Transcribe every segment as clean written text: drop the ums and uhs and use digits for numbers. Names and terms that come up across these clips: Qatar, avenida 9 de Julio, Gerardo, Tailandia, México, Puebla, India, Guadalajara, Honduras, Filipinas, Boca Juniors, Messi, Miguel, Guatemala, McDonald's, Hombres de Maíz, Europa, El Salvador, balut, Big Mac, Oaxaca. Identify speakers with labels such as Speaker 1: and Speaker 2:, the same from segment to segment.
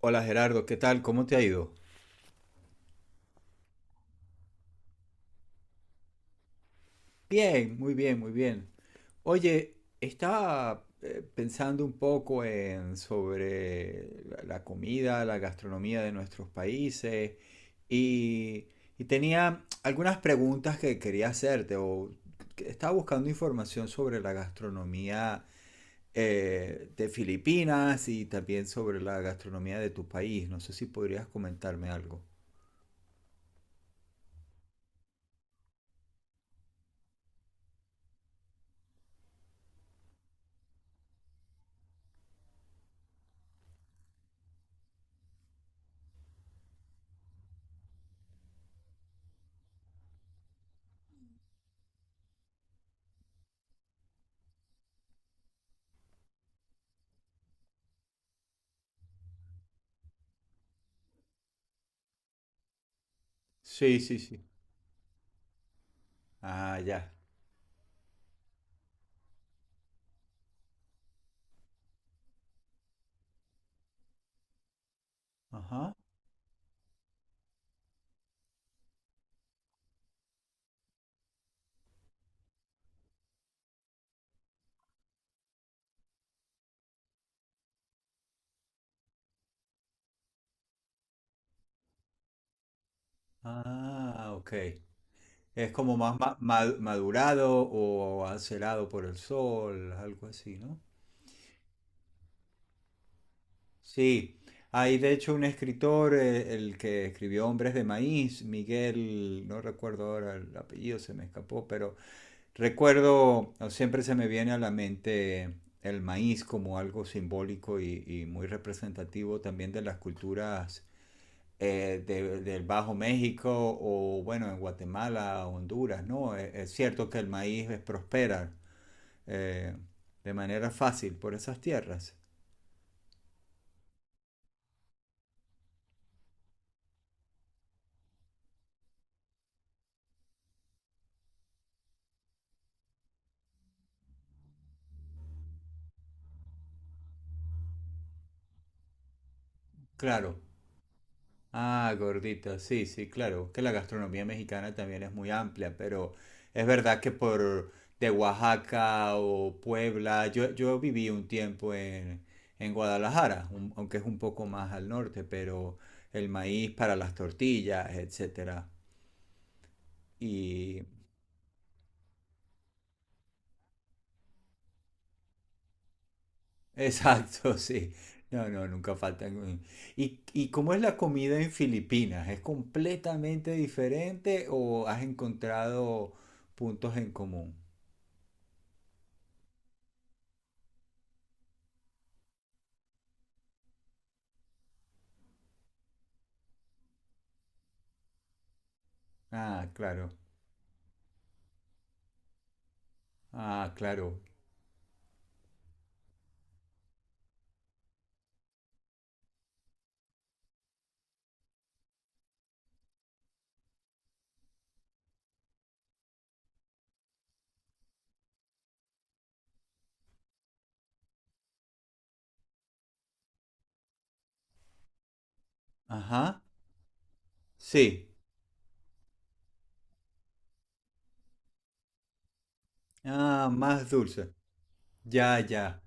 Speaker 1: Hola Gerardo, ¿qué tal? ¿Cómo te ha ido? Bien, muy bien, muy bien. Oye, estaba pensando un poco en sobre la comida, la gastronomía de nuestros países y, y tenía algunas preguntas que quería hacerte o que estaba buscando información sobre la gastronomía de Filipinas y también sobre la gastronomía de tu país. No sé si podrías comentarme algo. Sí, sí, sí. Ah, ya. Ajá. Ah, ok. Es como más madurado o acelado por el sol, algo así, ¿no? Sí, hay de hecho un escritor, el que escribió Hombres de Maíz, Miguel, no recuerdo ahora el apellido, se me escapó, pero recuerdo, o siempre se me viene a la mente el maíz como algo simbólico y muy representativo también de las culturas del Bajo México o bueno, en Guatemala, Honduras, ¿no? Es cierto que el maíz es prospera eh, de manera fácil por esas tierras. Claro. Ah, gordita, sí, sí, claro. Que la gastronomía mexicana también es muy amplia, pero es verdad que por de Oaxaca o Puebla, yo viví un tiempo en Guadalajara, aunque es un poco más al norte, pero el maíz para las tortillas, etcétera. Y exacto, sí. No, no, nunca faltan. Y cómo es la comida en Filipinas? ¿Es completamente diferente o has encontrado puntos en común? Ah, claro. Ah, claro. Ajá. Sí. Ah, más dulce. Ya, ya.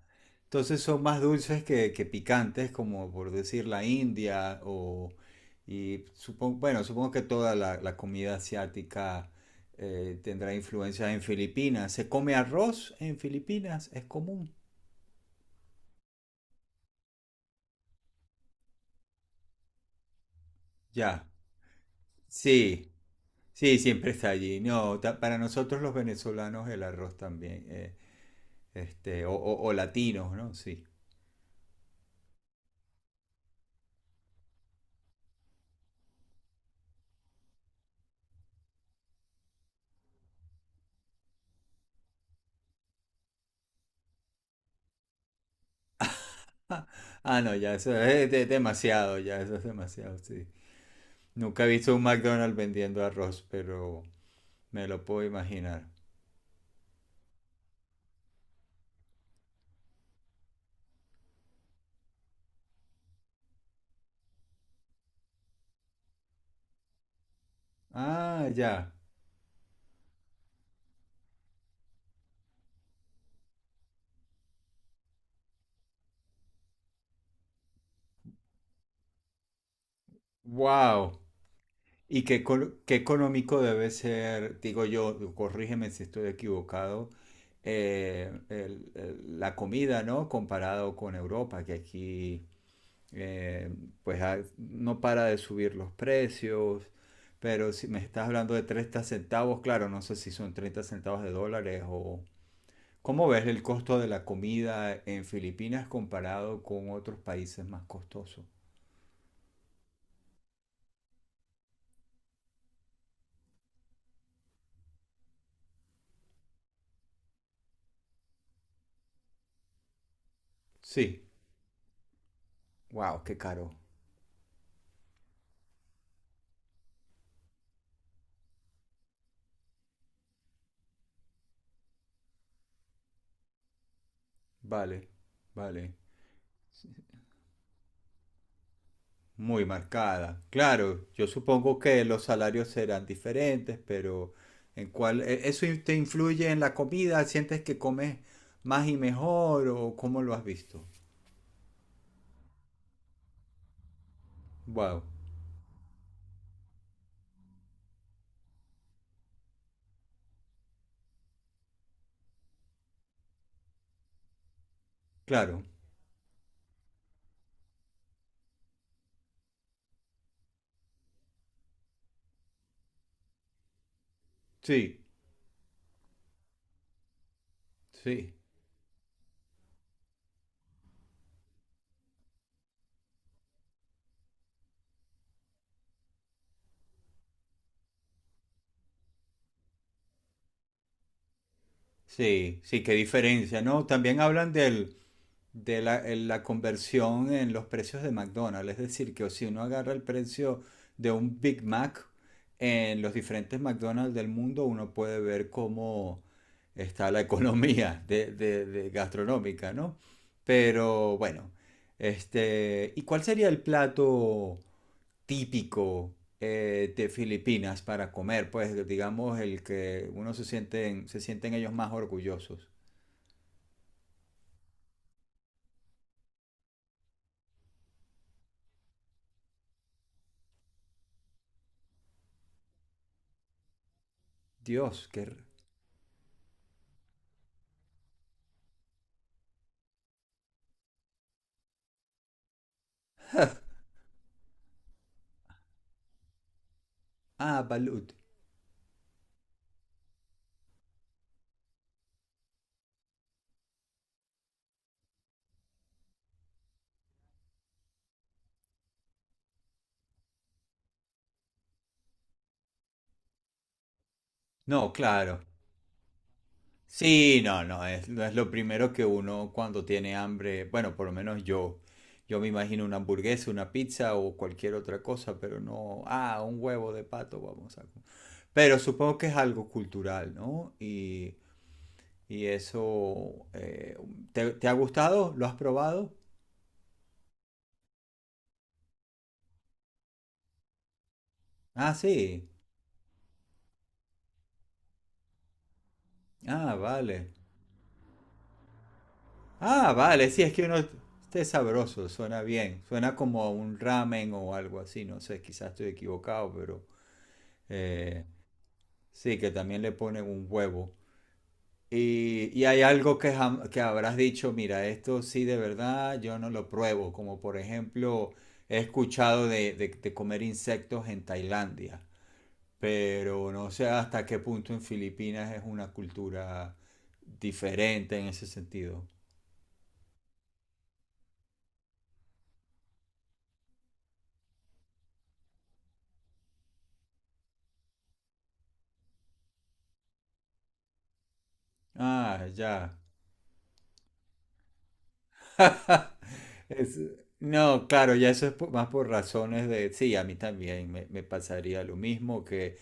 Speaker 1: Entonces son más dulces que picantes, como por decir la India o... Y supongo, bueno, supongo que toda la comida asiática tendrá influencia en Filipinas. ¿Se come arroz en Filipinas? Es común. Ya, sí, sí, siempre está allí. No, para nosotros los venezolanos el arroz también, este, o, o latinos, ¿no? Sí. Ah, no, ya eso es demasiado, ya eso es demasiado, sí. Nunca he visto un McDonald's vendiendo arroz, pero me lo puedo imaginar. Ah, ya. Wow. ¿Y qué, qué económico debe ser, digo yo, corrígeme si estoy equivocado, la comida, ¿no? Comparado con Europa, que aquí eh, pues no para de subir los precios, pero si me estás hablando de 30 centavos, claro, no sé si son 30 centavos de dólares o... ¿Cómo ves el costo de la comida en Filipinas comparado con otros países más costosos? Sí. Wow, qué caro. Vale, vale. Muy marcada. Claro, yo supongo que los salarios serán diferentes, pero ¿en cuál? ¿Eso te influye en la comida? ¿Sientes que comes más y mejor o cómo lo has visto? Wow, claro. Sí, sí. Sí, sí, qué diferencia, ¿no? También hablan del de la, en la conversión en los precios de McDonald's. Es decir, que si uno agarra el precio de un Big Mac en los diferentes McDonald's del mundo, uno puede ver cómo está la economía de, de gastronómica, ¿no? Pero bueno, este, ¿y cuál sería el plato típico de Filipinas para comer? Pues digamos el que uno se sienten ellos más orgullosos. Dios, qué... r- Ah, balut. No, claro. Sí, no, no es, no es lo primero que uno cuando tiene hambre, bueno, por lo menos yo, yo me imagino una hamburguesa, una pizza o cualquier otra cosa, pero no, ah, un huevo de pato, vamos a... co- Pero supongo que es algo cultural, ¿no? Y eso, ¿te, te ha gustado? ¿Lo has probado? Ah, sí. Ah, vale. Ah, vale, sí, es que uno... Este es sabroso, suena bien. Suena como a un ramen o algo así, no sé, quizás estoy equivocado, pero... Eh, sí, que también le ponen un huevo. Y hay algo que, que habrás dicho, mira, esto sí de verdad yo no lo pruebo, como por ejemplo he escuchado de, de comer insectos en Tailandia, pero no sé hasta qué punto en Filipinas es una cultura diferente en ese sentido. Ah, ya. Es- no, claro, ya eso es más por razones de, sí, a mí también me pasaría lo mismo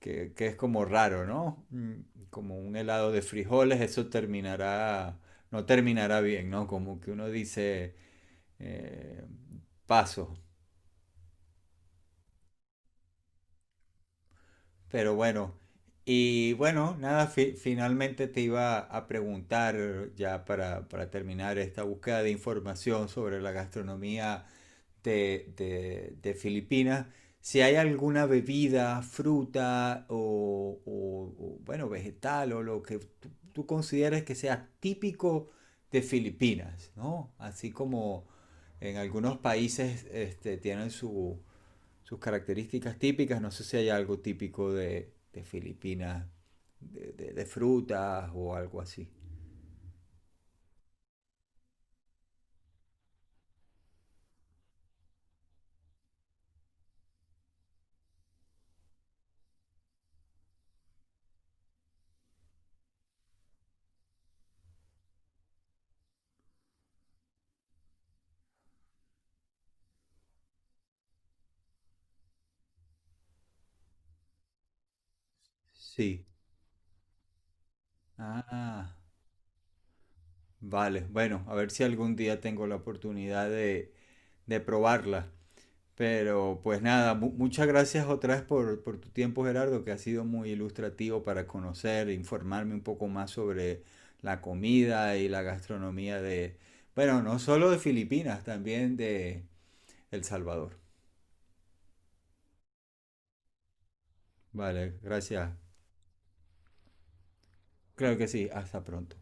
Speaker 1: que es como raro, ¿no? Como un helado de frijoles, eso terminará, no terminará bien, ¿no? Como que uno dice, eh, paso, pero bueno, y bueno, nada, finalmente te iba a preguntar ya para terminar esta búsqueda de información sobre la gastronomía de, de Filipinas, si hay alguna bebida, fruta o, bueno, vegetal o lo que tú consideres que sea típico de Filipinas, ¿no? Así como en algunos países este, tienen su sus características típicas. No sé si hay algo típico de Filipinas, de, de frutas o algo así. Sí. Ah, vale. Bueno, a ver si algún día tengo la oportunidad de probarla. Pero pues nada, muchas gracias otra vez por tu tiempo, Gerardo, que ha sido muy ilustrativo para conocer, informarme un poco más sobre la comida y la gastronomía de, bueno, no solo de Filipinas, también de El Salvador. Vale, gracias. Claro que sí, hasta pronto.